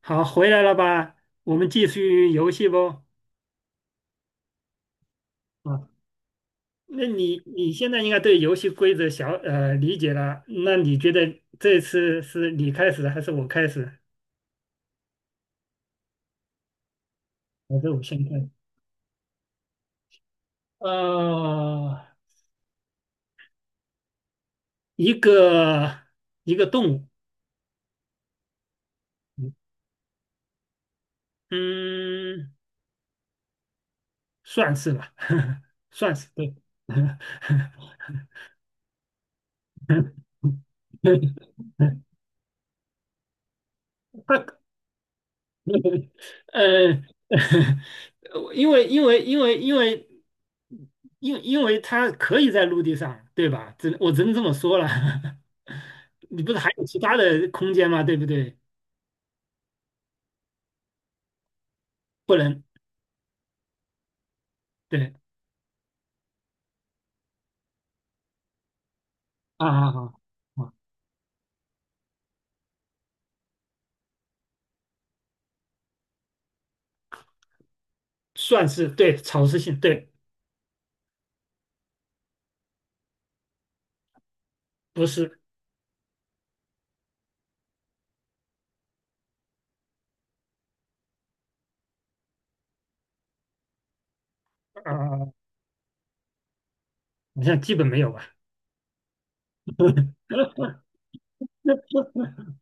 好，回来了吧？我们继续游戏不？啊，那你现在应该对游戏规则小理解了，那你觉得这次是你开始还是我开始，还是我先开始？呃，一个一个动物，嗯，算是吧，算是对。它呃，呃因为因为因为因为因为它可以在陆地上，对吧？我只能这么说了。你不是还有其他的空间吗？对不对？不能，对，啊啊啊，啊，算是对，草食性，对，不是啊，好像基本没有吧？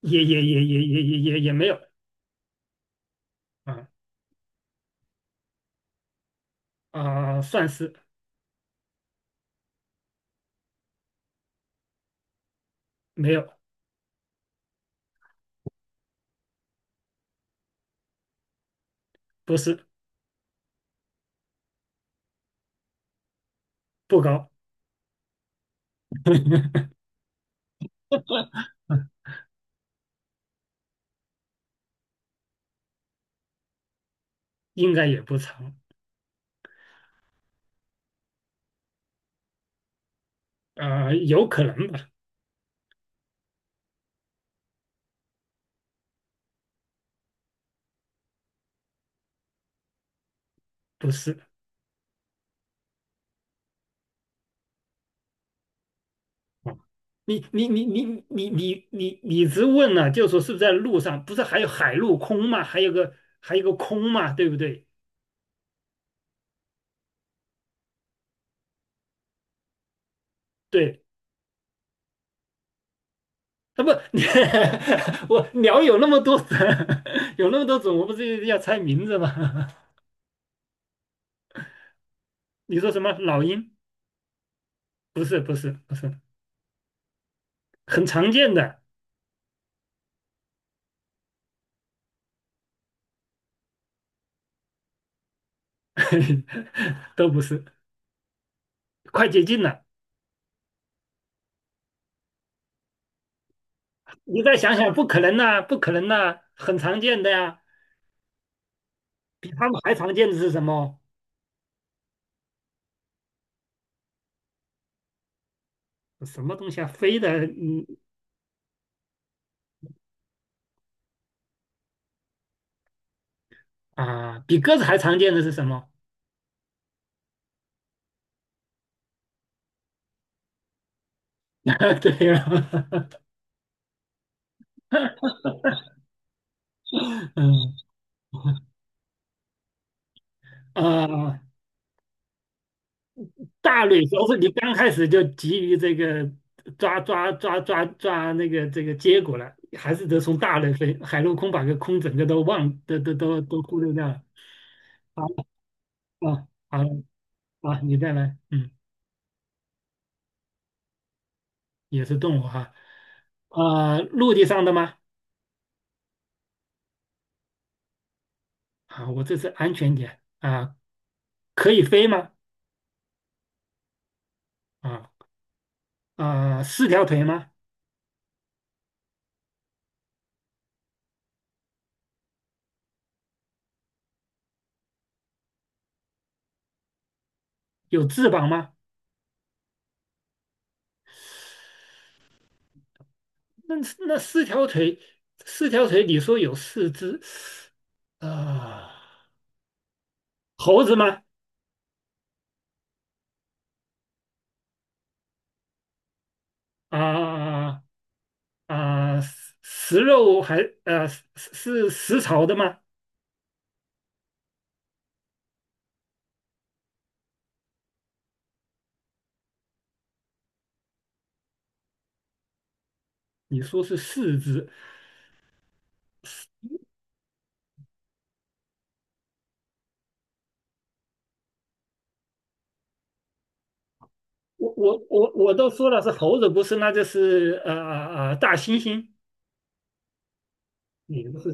也没有，啊啊，算是，没有，不是，不高，应该也不长，啊，有可能吧？不是。你直问了，就说是不是在路上？不是还有海陆空嘛？还有个空嘛？对不对？对，啊不，我鸟有那么多种，有那么多种，我不是要猜名字吗？你说什么老鹰？不是不是不是，很常见的，都不是，快接近了。你再想想，不可能呐、不可能呐、很常见的呀、比他们还常见的是什么？什么东西啊？飞的，嗯，啊，比鸽子还常见的是什么？对呀，嗯，呃，大类都是你刚开始就急于这个抓那个这个结果了，还是得从大类飞，海陆空把个空整个都忘，都忽略掉了。好啊，好啊，你再来，嗯，也是动物哈，啊，陆地上的吗？啊，我这是安全点啊，可以飞吗？啊啊，四条腿吗？有翅膀吗？那那四条腿，四条腿，你说有四只，啊、猴子吗？啊啊，食肉还是食草的吗？你说是四只，我都说了是猴子，不是，那就是大猩猩，也不是，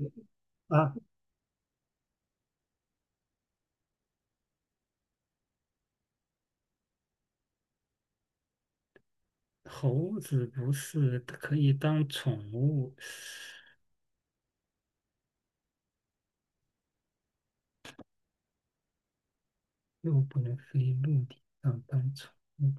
啊，猴子不是可以当宠物，又不能飞陆地上当宠物。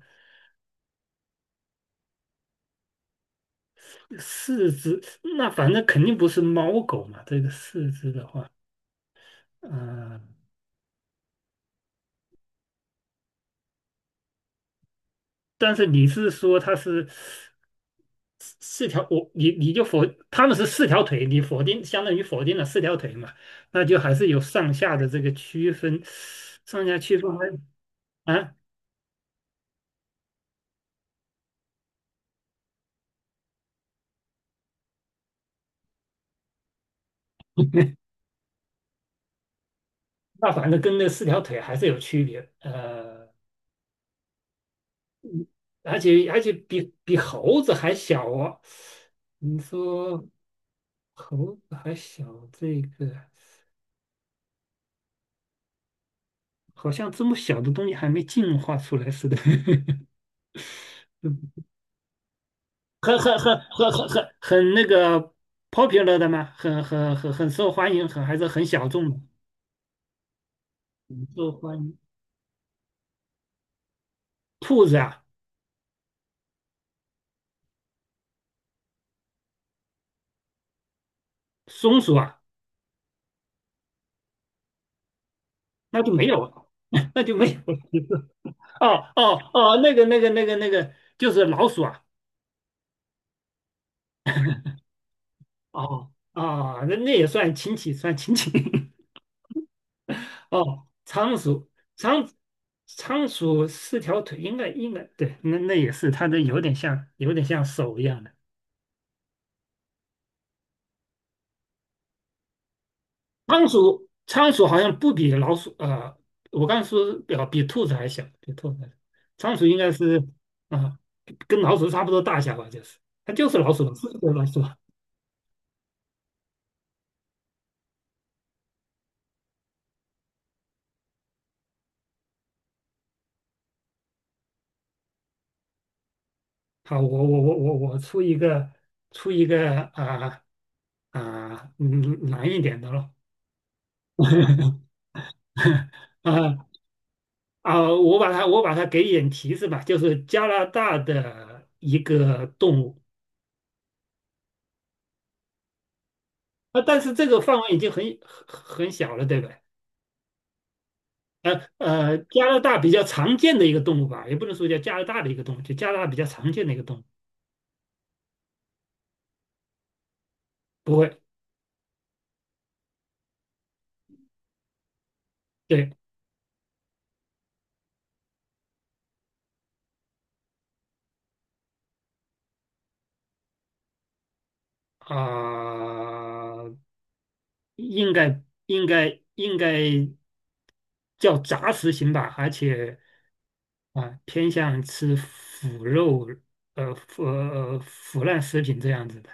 四只，那反正肯定不是猫狗嘛。这个四只的话，嗯、但是你是说它是四条，你就否，它们是四条腿，你否定相当于否定了四条腿嘛，那就还是有上下的这个区分，上下区分还，啊，那反正跟那四条腿还是有区别，而且比猴子还小哦，你说猴子还小这个。好像这么小的东西还没进化出来似的，很那个 popular 的吗？很受欢迎，还是很小众的，很受欢迎。兔子啊，松鼠啊，那就没有了，那就没有了。哦哦哦，那个，就是老鼠啊。哦啊，那也算亲戚，算亲戚。哦，仓鼠，仓仓鼠四条腿，应该对，那也是它的有点像手一样的。仓鼠好像不比老鼠啊，我刚才说表比兔子还小，比兔子还小。仓鼠应该是，啊、跟老鼠差不多大小吧，就是它就是老鼠，是个老鼠。好，我出一个啊，啊、嗯，难一点的咯。啊，啊、我把它给一点提示吧，就是加拿大的一个动物啊，但是这个范围已经很小了，对不对？加拿大比较常见的一个动物吧，也不能说叫加拿大的一个动物，就加拿大比较常见的一个动物。不会，对，啊、应该叫杂食型吧，而且啊、偏向吃腐肉，腐烂食品这样子的。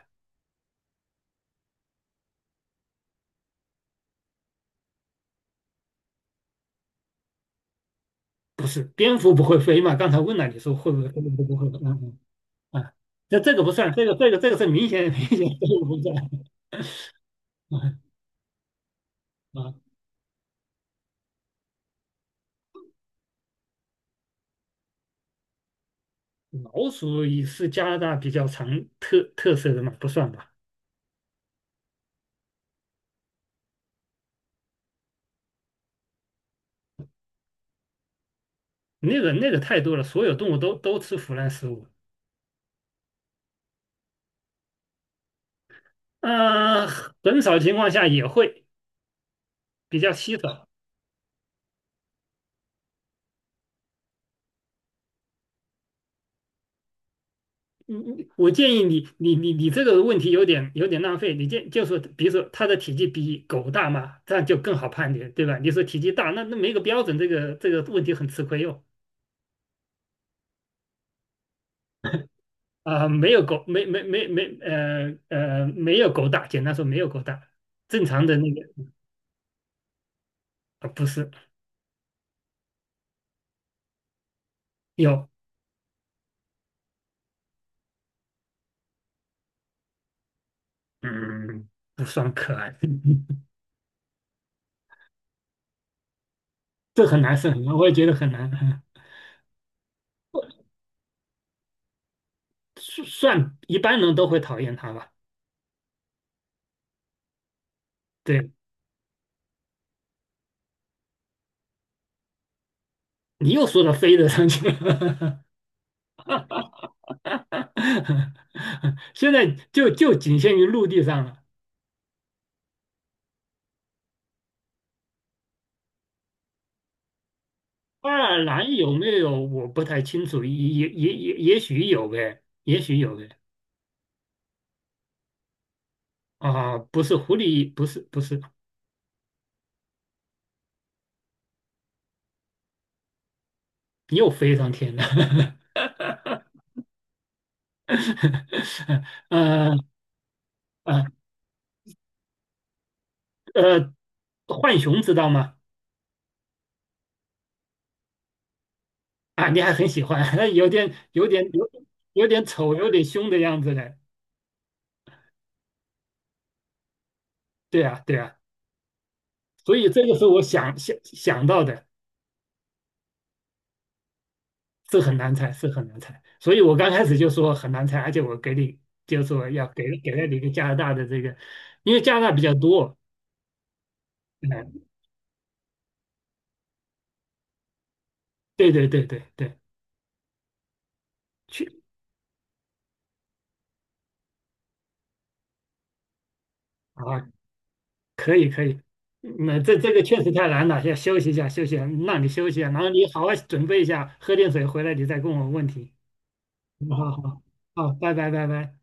不是，蝙蝠不会飞嘛？刚才问了你说会不会飞，本不会飞，嗯嗯，啊，那这个不算，这个是明显这个不算啊。嗯，啊，老鼠也是加拿大比较特色的嘛，不算吧？那个太多了，所有动物都吃腐烂食物。嗯，很少情况下也会，比较稀少。嗯嗯，我建议你，你这个问题有点浪费。你就是，比如说它的体积比狗大嘛，这样就更好判别，对吧？你说体积大，那没个标准，这个问题很吃亏哟。啊、没有狗，没有狗大，简单说没有狗大，正常的那个，啊，不是有，嗯，不算可爱，这很难，是很难，我也觉得很难，嗯，算一般人都会讨厌它吧？对，你又说到飞的上去了。现在就仅限于陆地上了。爱尔兰有没有我不太清楚，也许有呗，也许有呗。啊，不是狐狸，不是不是，又飞上天了。呃呃呃，浣熊知道吗？啊，你还很喜欢，有点有点有有点丑，有点凶的样子嘞。对啊对啊，所以这个是我想到的。是很难猜，是很难猜。所以我刚开始就说很难猜，而且我给你就说要给了你一个加拿大的这个，因为加拿大比较多。嗯，对对对对对，去，啊，可以可以。嗯，那这个确实太难了，要休息一下，休息一下，让你休息一下，然后你好好准备一下，喝点水回来，你再问我问题。好好好，好，拜拜拜拜。